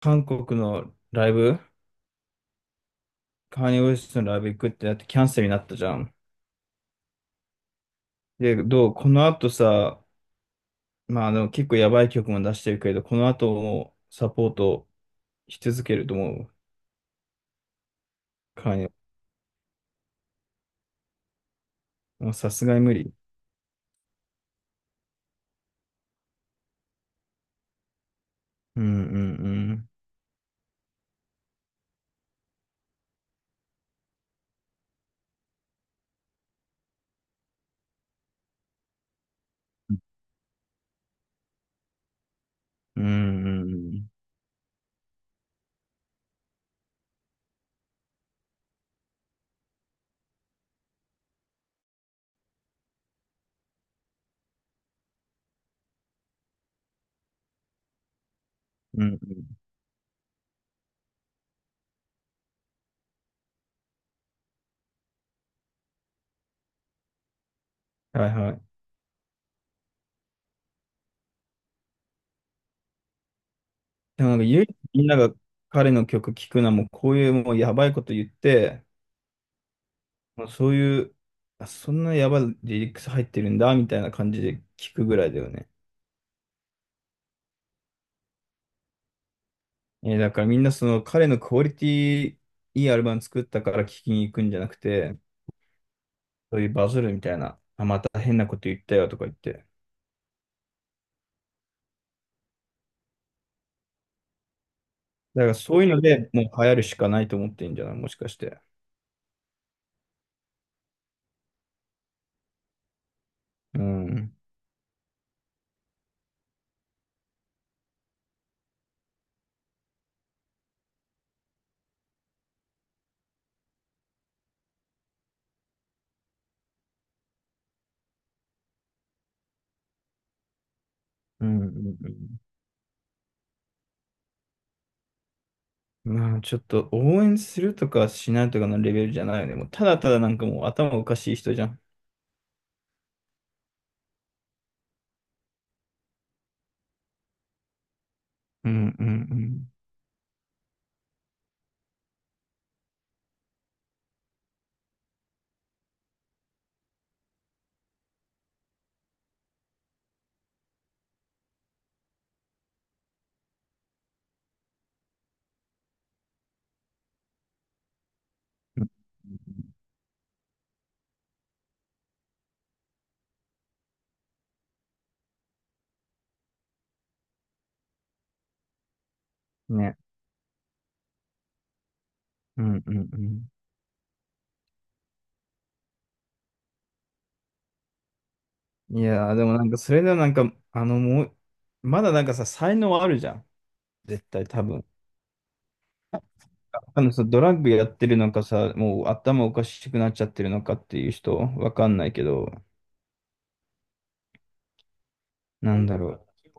韓国のライブ、カーニーウェストのライブ行くってなってキャンセルになったじゃん。で、どうこの後さ、まあ、結構やばい曲も出してるけれど、この後もサポートし続けると思う。カーニー、もうさすがに無理。うんうんうん。うんうんうん。うんうん。はいはい。でもなんか唯一みんなが彼の曲聴くのはもうこういうもうやばいこと言って、もうそういう、あ、そんなやばいリリックス入ってるんだみたいな感じで聴くぐらいだよね。だからみんなその彼のクオリティいいアルバム作ったから聴きに行くんじゃなくて、そういうバズるみたいな、あ、また変なこと言ったよとか言って。だからそういうのでもう流行るしかないと思ってんじゃないもしかして？うん。うん。うんうん。まあちょっと応援するとかしないとかのレベルじゃないよね。もうただただなんかもう頭おかしい人じゃん。うんうんうん。ね。うんうんうん。いやー、でもなんか、それではなんか、もう、まだなんかさ、才能あるじゃん。絶対多分。あのさ、ドラッグやってるのかさ、もう頭おかしくなっちゃってるのかっていう人、わかんないけど、なんだろ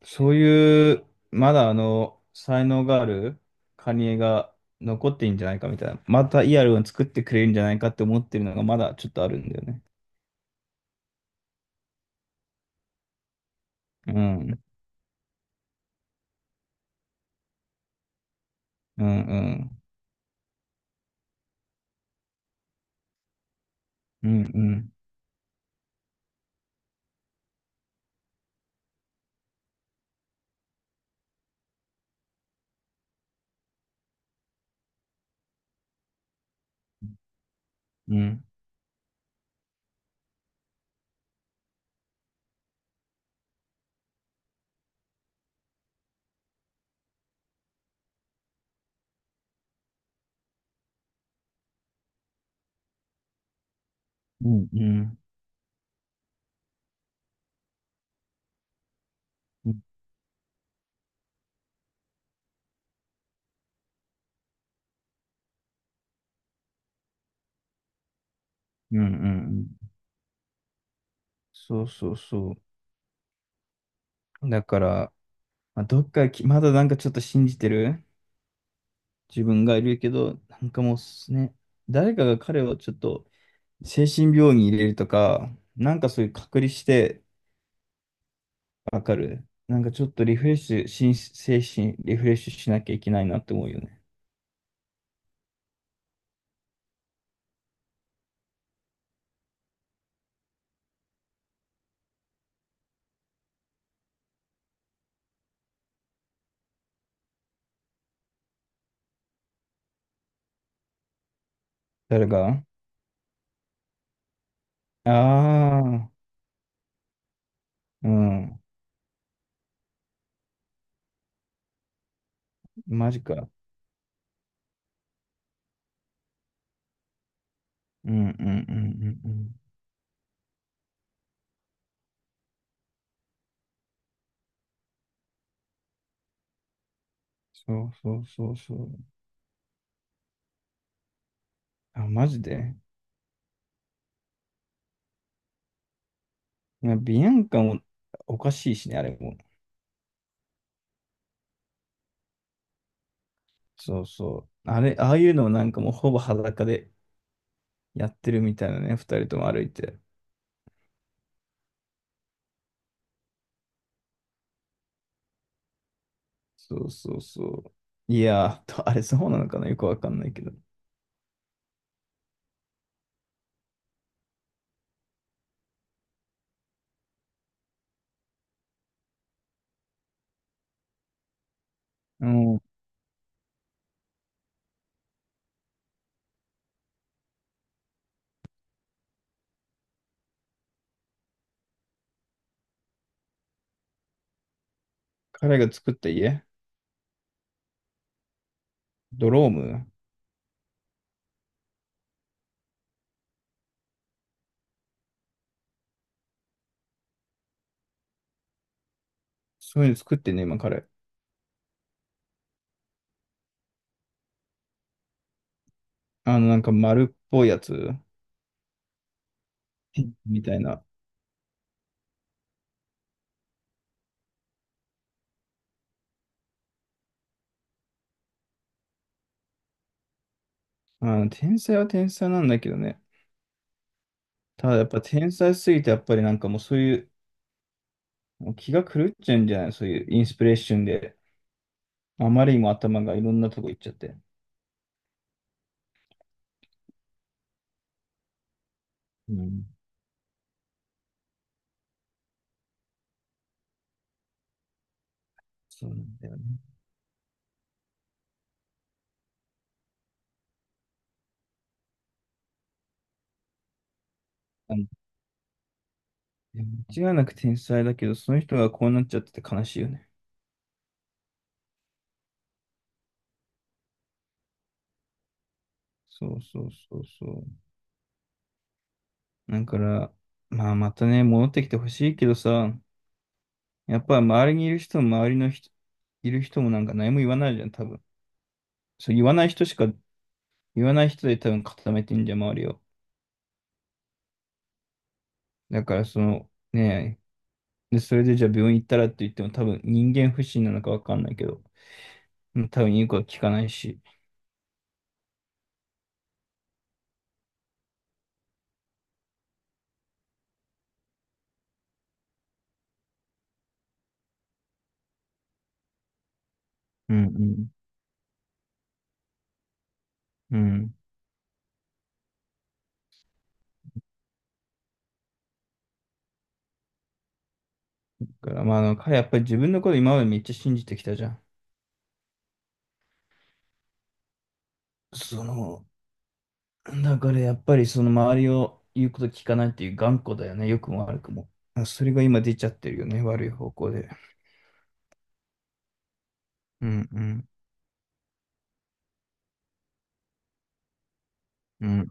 う。そういう、まだ才能があるカニエが残ってんじゃないかみたいな。またイアルを作ってくれるんじゃないかって思ってるのがまだちょっとあるんだよね。うん、うん、うん、うん、うん、うん、うん、うん、うん、うん、そうそうそう。だから、まあ、どっかき、まだなんかちょっと信じてる自分がいるけど、なんかもうすね、誰かが彼をちょっと精神病院に入れるとか、なんかそういう隔離してわかる。なんかちょっとリフレッシュ、心精神リフレッシュしなきゃいけないなって思うよね。誰が？ああー、うん、マジか。うんうんうんうんうん。そうそうそうそう。あ、マジで。まあビアンカもおかしいしね、あれも。そうそう。あれ、ああいうのをなんかもうほぼ裸でやってるみたいなね、二人とも歩いて。そうそうそう。いやー、あれそうなのかなよくわかんないけど。うん、彼が作った家、ドローム、そういうの作ってんね、今彼。なんか丸っぽいやつみたいな。天才は天才なんだけどね。ただやっぱ天才すぎて、やっぱりなんかもうそういうもう気が狂っちゃうんじゃないそういうインスピレーションで。あまりにも頭がいろんなとこ行っちゃって。うん。そうなんだよね。いや、間違いなく天才だけど、その人がこうなっちゃってて悲しいよね。そうそうそうそう。だから、まあまたね、戻ってきてほしいけどさ、やっぱ周りにいる人も周りの人、いる人もなんか何も言わないじゃん、多分。そう、言わない人で多分固めてんじゃん、周りを。だからその、ねで、それでじゃあ病院行ったらって言っても多分人間不信なのかわかんないけど、うん、多分言うことは聞かないし。うんうん。うん。だからまあなんかやっぱり自分のこと今までめっちゃ信じてきたじゃん。その、だからやっぱりその周りを言うこと聞かないっていう頑固だよね。良くも悪くも。あ、それが今出ちゃってるよね。悪い方向で。うんうんうん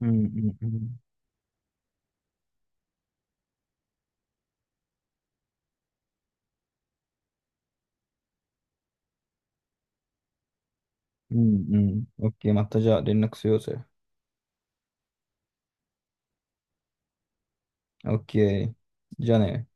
うんうんうんうんうん。オッケー、またじゃあ連絡しようぜ。オッケー。じゃあね。